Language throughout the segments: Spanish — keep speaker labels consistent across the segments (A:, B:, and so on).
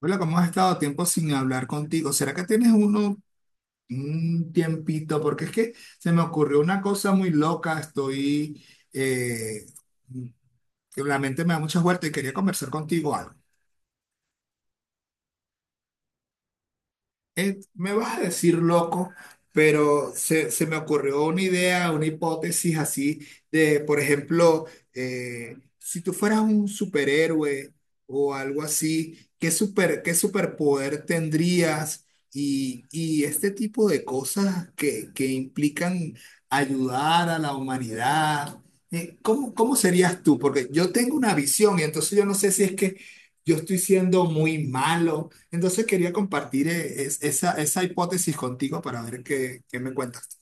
A: Hola, ¿cómo has estado? Tiempo sin hablar contigo. ¿Será que tienes uno un tiempito? Porque es que se me ocurrió una cosa muy loca. Eh, que la mente me da muchas vueltas y quería conversar contigo algo. Me vas a decir loco, pero se me ocurrió una idea, una hipótesis así de, por ejemplo, si tú fueras un superhéroe o algo así, ¿qué superpoder tendrías? Y este tipo de cosas que implican ayudar a la humanidad. ¿Cómo serías tú? Porque yo tengo una visión y entonces yo no sé si es que yo estoy siendo muy malo, entonces quería compartir esa hipótesis contigo para ver qué me cuentas.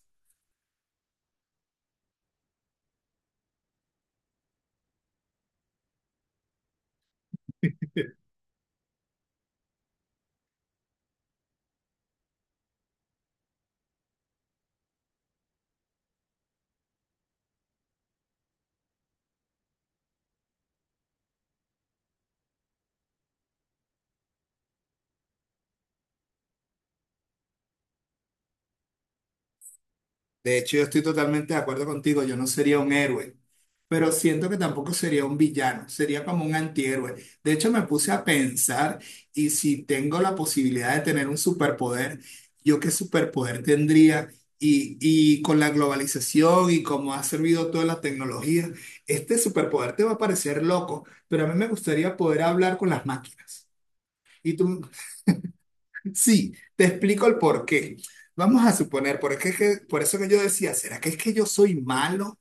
A: De hecho, yo estoy totalmente de acuerdo contigo, yo no sería un héroe, pero siento que tampoco sería un villano, sería como un antihéroe. De hecho, me puse a pensar y si tengo la posibilidad de tener un superpoder, ¿yo qué superpoder tendría? Y con la globalización y cómo ha servido toda la tecnología, este superpoder te va a parecer loco, pero a mí me gustaría poder hablar con las máquinas. Y tú, sí, te explico el porqué. Vamos a suponer, por eso que yo decía, ¿será que es que yo soy malo?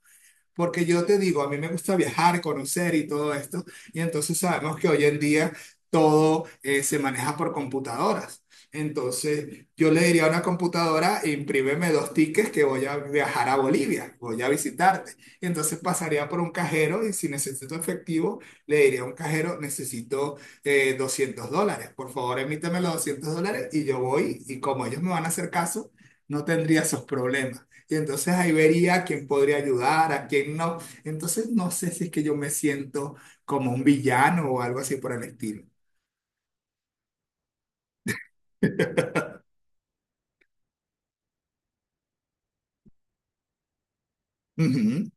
A: Porque yo te digo, a mí me gusta viajar, conocer y todo esto, y entonces sabemos que hoy en día todo se maneja por computadoras. Entonces, yo le diría a una computadora, imprímeme dos tickets que voy a viajar a Bolivia, voy a visitarte. Y entonces pasaría por un cajero y si necesito efectivo, le diría a un cajero, necesito $200. Por favor, emíteme los $200 y yo voy, y como ellos me van a hacer caso, no tendría esos problemas. Y entonces ahí vería a quién podría ayudar, a quién no. Entonces no sé si es que yo me siento como un villano o algo así por el estilo. Ujú.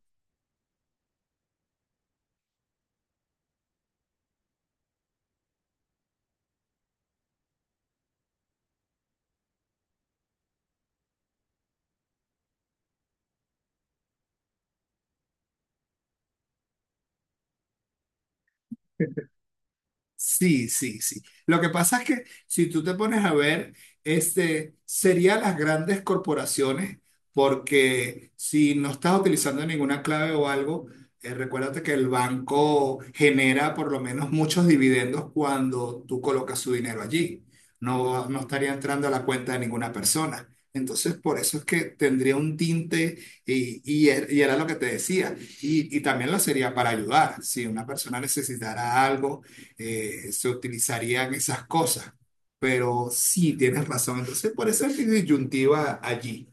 A: Sí, sí, sí. Lo que pasa es que si tú te pones a ver, este, serían las grandes corporaciones, porque si no estás utilizando ninguna clave o algo, recuérdate que el banco genera por lo menos muchos dividendos cuando tú colocas su dinero allí. No estaría entrando a la cuenta de ninguna persona. Entonces, por eso es que tendría un tinte, y era lo que te decía. Y también lo sería para ayudar. Si una persona necesitara algo, se utilizarían esas cosas. Pero sí, tienes razón. Entonces, por eso es disyuntiva allí.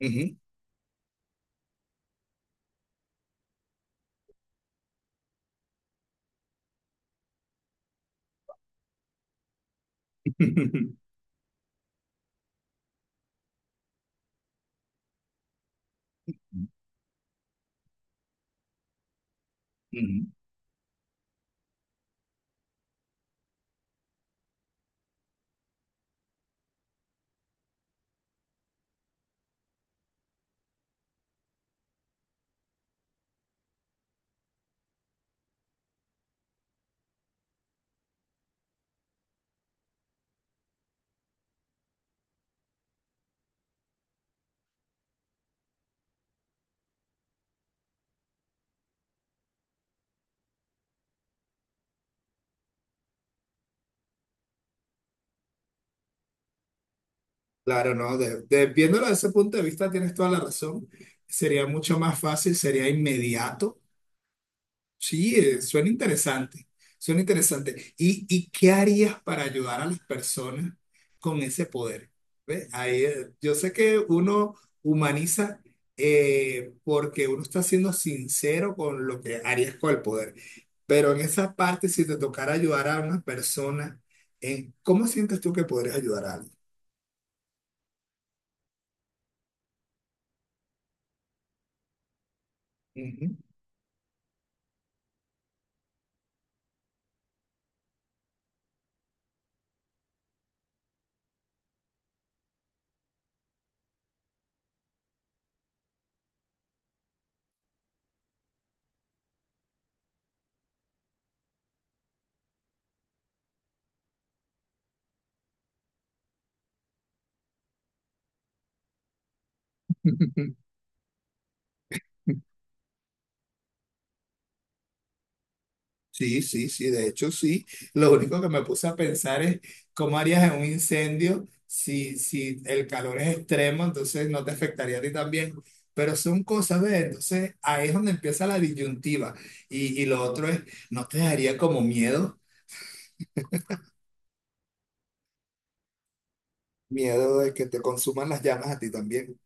A: Ujú, ujú. Claro, ¿no? Viéndolo desde ese punto de vista, tienes toda la razón. Sería mucho más fácil, sería inmediato. Sí, suena interesante, suena interesante. ¿Y qué harías para ayudar a las personas con ese poder? ¿Ve? Ahí, yo sé que uno humaniza, porque uno está siendo sincero con lo que harías con el poder, pero en esa parte, si te tocara ayudar a una persona, ¿en ¿cómo sientes tú que podrías ayudar a alguien? Ujú. Sí, sí, sí, de hecho sí. Lo único que me puse a pensar es cómo harías en un incendio si, si el calor es extremo, entonces no te afectaría a ti también. Pero son cosas, ¿ves? Entonces ahí es donde empieza la disyuntiva. Y lo otro es, ¿no te daría como miedo? Miedo de que te consuman las llamas a ti también.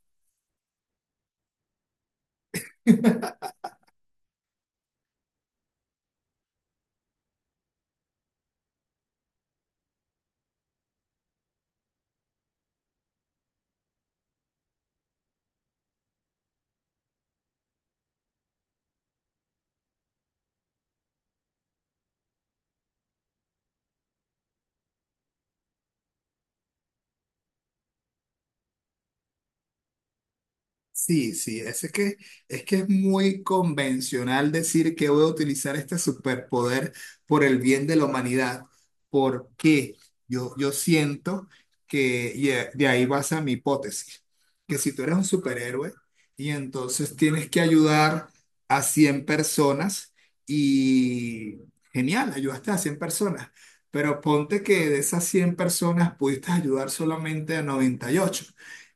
A: Sí, sí, es que, es que es muy convencional decir que voy a utilizar este superpoder por el bien de la humanidad, porque yo siento que, y de ahí basa mi hipótesis, que si tú eres un superhéroe y entonces tienes que ayudar a 100 personas y genial, ayudaste a 100 personas, pero ponte que de esas 100 personas pudiste ayudar solamente a 98,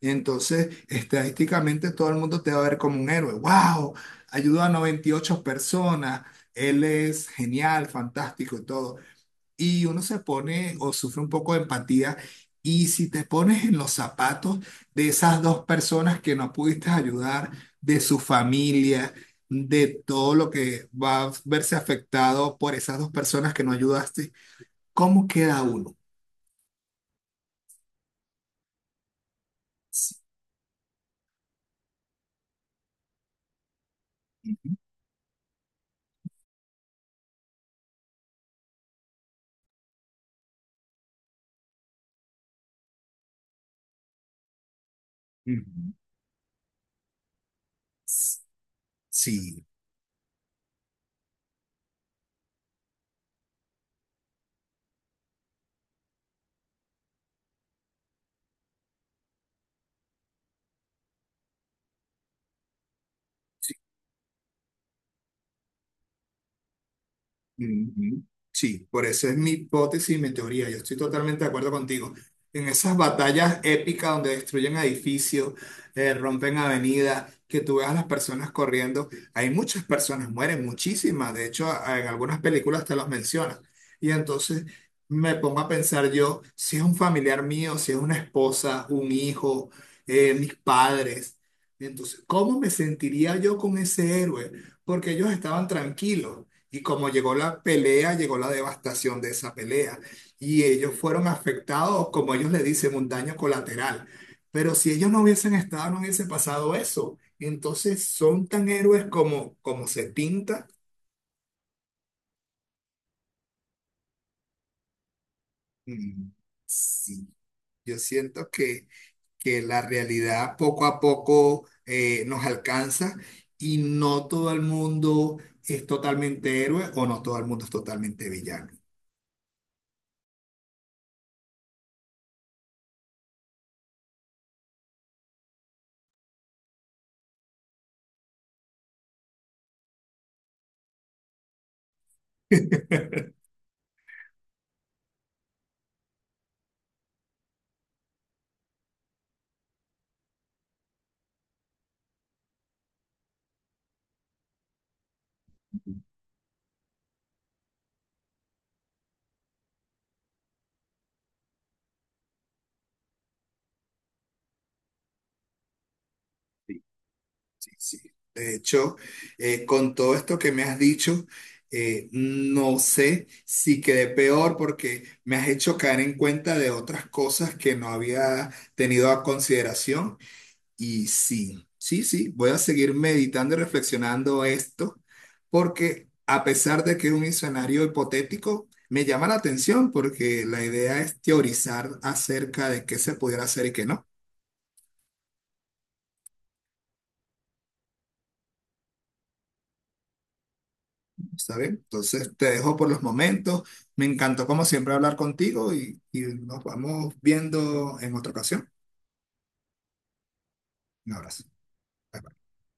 A: y entonces, estadísticamente, todo el mundo te va a ver como un héroe. ¡Wow! Ayudó a 98 personas. Él es genial, fantástico y todo. Y uno se pone o sufre un poco de empatía. Y si te pones en los zapatos de esas dos personas que no pudiste ayudar, de su familia, de todo lo que va a verse afectado por esas dos personas que no ayudaste, ¿cómo queda uno? Ujú. Sí, ujú. Sí, por eso es mi hipótesis y mi teoría. Yo estoy totalmente de acuerdo contigo. En esas batallas épicas donde destruyen edificios, rompen avenidas, que tú veas a las personas corriendo, hay muchas personas, mueren muchísimas. De hecho, en algunas películas te los mencionan. Y entonces me pongo a pensar yo, si es un familiar mío, si es una esposa, un hijo, mis padres. Entonces, ¿cómo me sentiría yo con ese héroe? Porque ellos estaban tranquilos. Y como llegó la pelea, llegó la devastación de esa pelea. Y ellos fueron afectados, como ellos le dicen, un daño colateral. Pero si ellos no hubiesen estado, no hubiese pasado eso. Entonces, ¿son tan héroes como, como se pinta? Mm, sí, yo siento que la realidad poco a poco nos alcanza y no todo el mundo es totalmente héroe o no todo el mundo es totalmente villano. Sí, sí. De hecho, con todo esto que me has dicho, no sé si quedé peor porque me has hecho caer en cuenta de otras cosas que no había tenido a consideración. Y sí, sí, sí, voy a seguir meditando y reflexionando esto, porque a pesar de que es un escenario hipotético, me llama la atención porque la idea es teorizar acerca de qué se pudiera hacer y qué no. ¿Está bien? Entonces te dejo por los momentos. Me encantó como siempre hablar contigo y nos vamos viendo en otra ocasión. Un abrazo. Bye, bye.